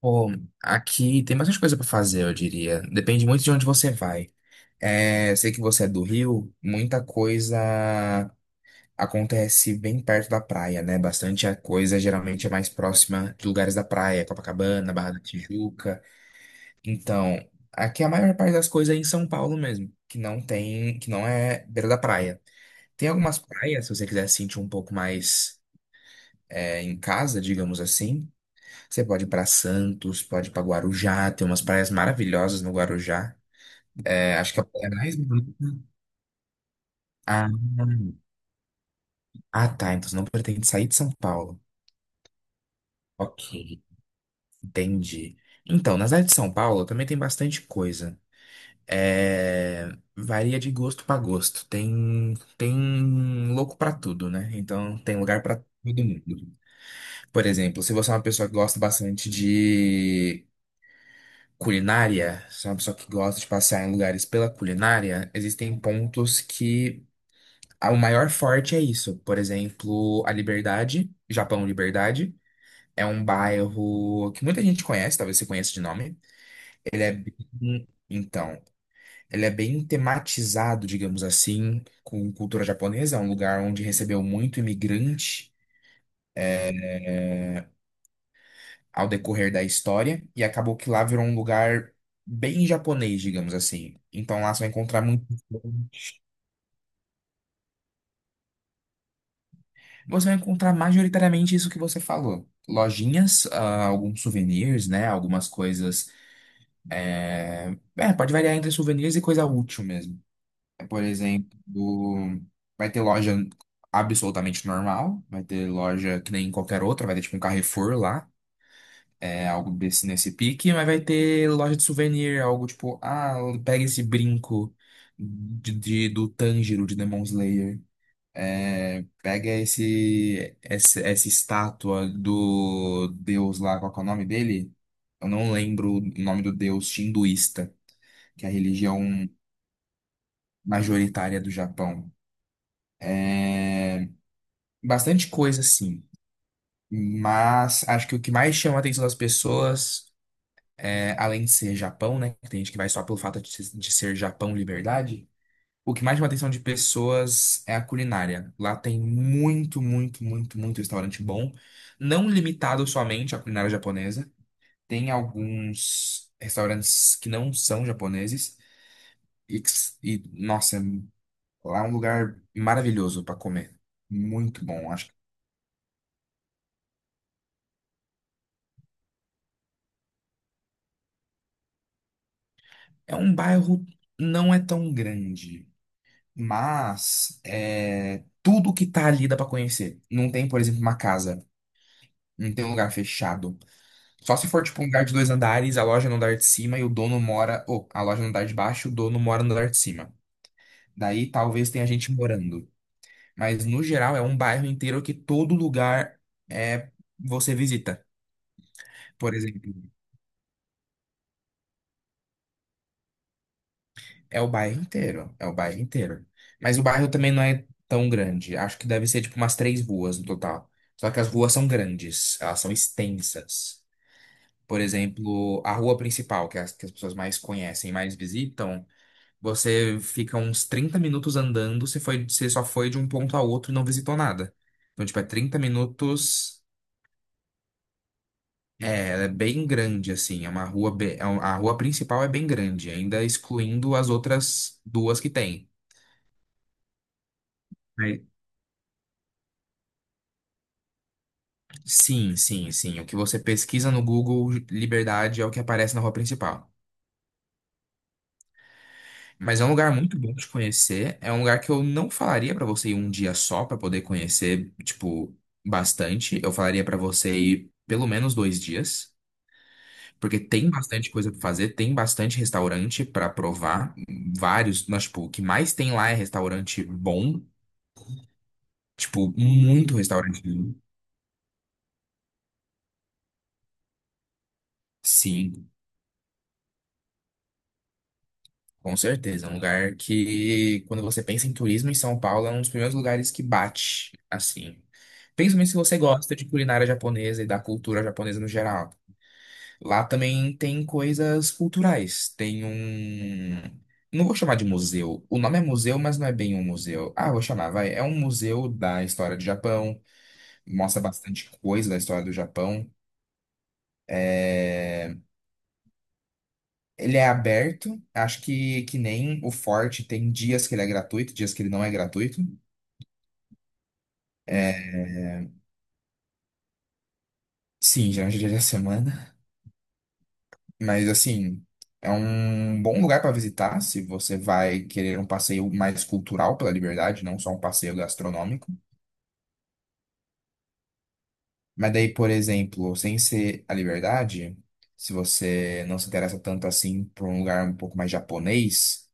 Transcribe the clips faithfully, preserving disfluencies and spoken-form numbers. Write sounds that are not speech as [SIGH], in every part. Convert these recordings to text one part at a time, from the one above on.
Pô, aqui tem bastante coisa para fazer, eu diria. Depende muito de onde você vai. É, sei que você é do Rio, muita coisa acontece bem perto da praia, né? Bastante a coisa geralmente é mais próxima de lugares da praia, Copacabana, Barra da Tijuca. Então, aqui a maior parte das coisas é em São Paulo mesmo, que não tem, que não é beira da praia. Tem algumas praias, se você quiser se sentir um pouco mais é, em casa, digamos assim. Você pode ir para Santos, pode ir para Guarujá, tem umas praias maravilhosas no Guarujá. É, acho que é a praia mais bonita. Ah, ah, tá. Então você não pretende sair de São Paulo. Ok, entendi. Então, na cidade de São Paulo também tem bastante coisa. É, varia de gosto para gosto. Tem, tem louco para tudo, né? Então tem lugar para todo mundo. Por exemplo, se você é uma pessoa que gosta bastante de culinária, sou uma pessoa que gosta de passear em lugares pela culinária, existem pontos que ah, o maior forte é isso. Por exemplo, a Liberdade, Japão Liberdade, é um bairro que muita gente conhece, talvez você conheça de nome. Ele é bem, então, ele é bem tematizado, digamos assim, com cultura japonesa, é um lugar onde recebeu muito imigrante ao decorrer da história e acabou que lá virou um lugar bem japonês, digamos assim. Então lá você vai encontrar Você vai encontrar majoritariamente isso que você falou. Lojinhas, ah, alguns souvenirs, né? Algumas coisas. É, é, pode variar entre souvenirs e coisa útil mesmo. É, Por exemplo, vai ter loja absolutamente normal, vai ter loja que nem qualquer outra, vai ter tipo um Carrefour lá, é algo desse nesse pique, mas vai ter loja de souvenir, algo tipo, ah, pega esse brinco de, de- do Tanjiro de Demon Slayer. Pega esse, esse essa estátua do deus lá, qual que é o nome dele? Eu não lembro o nome do deus hinduísta, que é a religião majoritária do Japão. Bastante coisa, sim. Mas acho que o que mais chama a atenção das pessoas, é, além de ser Japão, né? que Tem gente que vai só pelo fato de ser de ser Japão liberdade. O que mais chama a atenção de pessoas é a culinária. Lá tem muito, muito, muito, muito restaurante bom. Não limitado somente à culinária japonesa. Tem alguns restaurantes que não são japoneses e, que s- e, nossa, lá é um lugar maravilhoso para comer. Muito bom, acho. que- É um bairro não é tão grande, mas é tudo que tá ali dá para conhecer. Não tem, por exemplo, uma casa, não tem um lugar fechado. Só se for tipo um lugar de dois andares, a loja no andar de cima e o dono mora, ou a loja no andar de baixo, o dono mora no andar de cima. Daí talvez tenha gente morando. Mas no geral é um bairro inteiro que todo lugar é você visita. Por exemplo, é o bairro inteiro, é o bairro inteiro. Mas o bairro também não é tão grande. Acho que deve ser tipo umas três ruas no total. Só que as ruas são grandes, elas são extensas. Por exemplo, a rua principal, que é as, que as pessoas mais conhecem, mais visitam, você fica uns trinta minutos andando, você foi, você só foi de um ponto a outro e não visitou nada. Então, tipo, é trinta minutos. É, ela é bem grande, assim, é uma rua, be- é um- a rua principal é bem grande, ainda excluindo as outras duas que tem. Mas- Sim, sim, sim. O que você pesquisa no Google Liberdade é o que aparece na rua principal. Mas é um lugar muito bom de conhecer. É um lugar que eu não falaria pra você ir um dia só pra poder conhecer, tipo, bastante. Eu falaria pra você ir pelo menos dois dias, porque tem bastante coisa pra fazer, tem bastante restaurante pra provar, vários, mas tipo, o que mais tem lá é restaurante bom. Tipo, muito restaurante. lindo. Sim, com certeza. É Um lugar que, quando você pensa em turismo em São Paulo, é um dos primeiros lugares que bate, assim. Principalmente se você gosta de culinária japonesa e da cultura japonesa no geral. Lá também tem coisas culturais. Tem um. Não vou chamar de museu. O nome é museu, mas não é bem um museu. Ah, vou chamar, vai. É um museu da história do Japão. Mostra bastante coisa da história do Japão. Ele é aberto, acho que, que nem o Forte tem dias que ele é gratuito, dias que ele não é gratuito. Sim, geralmente dia da semana. Mas assim, é um bom lugar para visitar se você vai querer um passeio mais cultural pela Liberdade, não só um passeio gastronômico. Mas daí, por exemplo, sem ser a Liberdade, se você não se interessa tanto assim por um lugar um pouco mais japonês,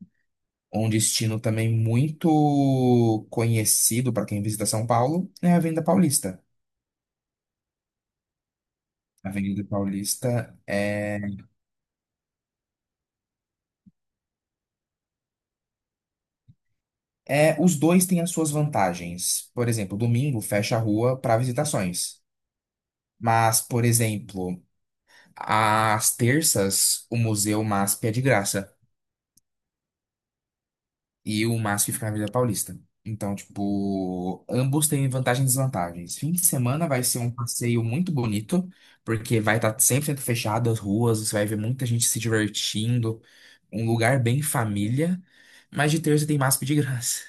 um destino também muito conhecido para quem visita São Paulo é a Avenida Paulista. Avenida Paulista é, é os dois têm as suas vantagens. Por exemplo, domingo fecha a rua para visitações, mas por exemplo, às terças o Museu MASP é de graça e o MASP fica na Avenida Paulista. Então, tipo, ambos têm vantagens e desvantagens. Fim de semana vai ser um passeio muito bonito, porque vai estar cem por cento fechado as ruas, você vai ver muita gente se divertindo, um lugar bem família, mas de terça tem MASP de graça.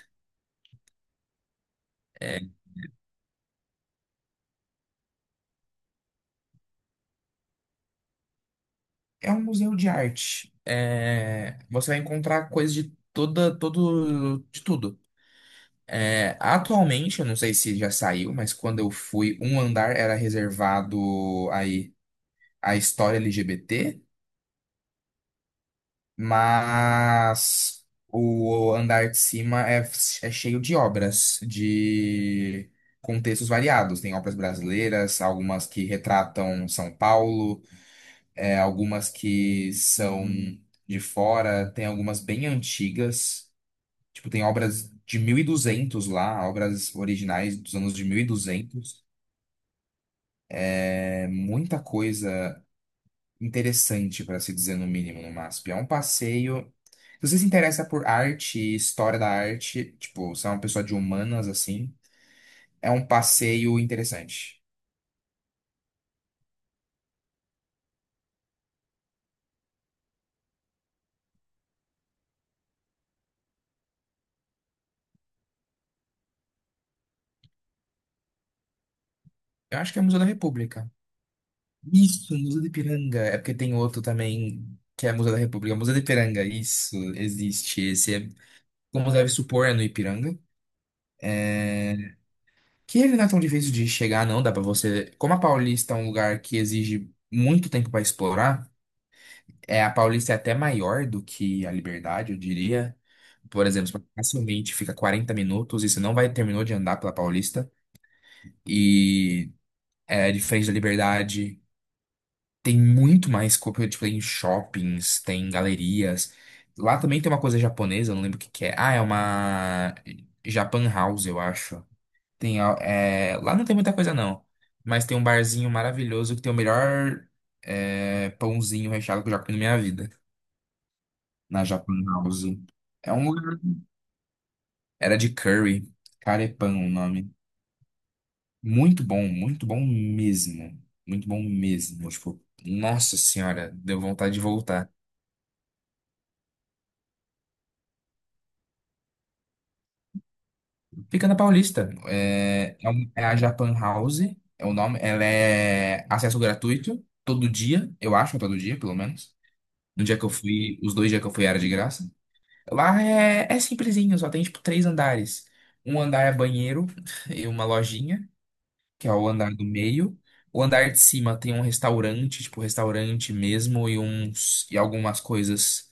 É um museu de arte. É, você vai encontrar coisas de toda, todo, de tudo. É, atualmente, eu não sei se já saiu, mas quando eu fui, um andar era reservado aí à história L G B T, mas o andar de cima é, é cheio de obras de contextos variados. Tem obras brasileiras, algumas que retratam São Paulo. é, algumas que são de fora, tem algumas bem antigas, tipo, tem obras de mil e duzentos lá, obras originais dos anos de mil e duzentos É muita coisa interessante, para se dizer no mínimo, no MASP. É um passeio. Se você se interessa por arte, e história da arte, tipo, você é uma pessoa de humanas assim, é um passeio interessante. Eu acho que é o Museu da República. Isso, Museu do Ipiranga. É porque tem outro também, que é Museu da República. Museu do Ipiranga, isso, existe. Esse é, como deve supor, é no Ipiranga. É, Que ele não é tão difícil de chegar, não. Dá pra você. Como a Paulista é um lugar que exige muito tempo pra explorar, é, a Paulista é até maior do que a Liberdade, eu diria. Por exemplo, você facilmente fica quarenta minutos e você não vai terminou de andar pela Paulista. E é diferente da Liberdade. Tem muito mais coisa, tipo, tem shoppings, tem galerias. Lá também tem uma coisa japonesa, eu não lembro o que que é. Ah, é uma Japan House, eu acho. Tem, a- é, Lá não tem muita coisa, não. Mas tem um barzinho maravilhoso que tem o melhor é, pãozinho recheado que eu já comi na minha vida. Na Japan House. É um lugar... Era de curry. Carepan o nome. Muito bom, muito bom mesmo. Muito bom mesmo. Tipo, nossa senhora, deu vontade de voltar. Fica na Paulista. É, é, um- é a Japan House, é o nome. Ela é acesso gratuito, todo dia, eu acho, é todo dia, pelo menos. No dia que eu fui, os dois dias que eu fui era de graça. Lá é, é simplesinho, só tem tipo três andares. Um andar é banheiro [LAUGHS] e uma lojinha, que é o andar do meio. O andar de cima tem um restaurante, tipo restaurante mesmo, e uns e algumas coisas.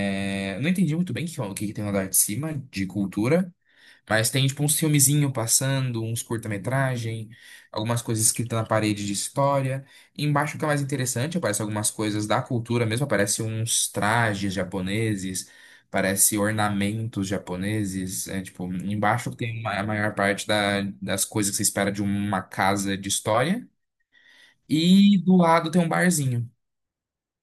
É, eu não entendi muito bem o que, o que que tem no andar de cima de cultura. Mas tem, tipo, uns filmezinho passando, uns curta-metragem, algumas coisas escritas na parede de história. Embaixo fica mais interessante, aparece algumas coisas da cultura mesmo, aparece uns trajes japoneses, aparece ornamentos japoneses. É, tipo, embaixo tem ma- a maior parte da- das coisas que você espera de uma casa de história. E do lado tem um barzinho.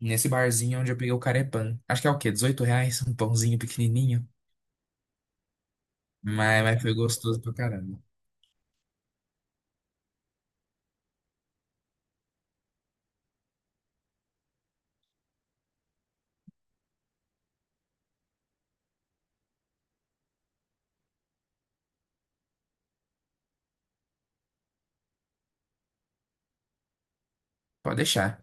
Nesse barzinho é onde eu peguei o carepan. Acho que é o quê? dezoito reais? Um pãozinho pequenininho. Mas, mas foi gostoso pra caramba. Pode deixar.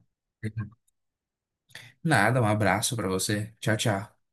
Nada, um abraço pra você. Tchau, tchau.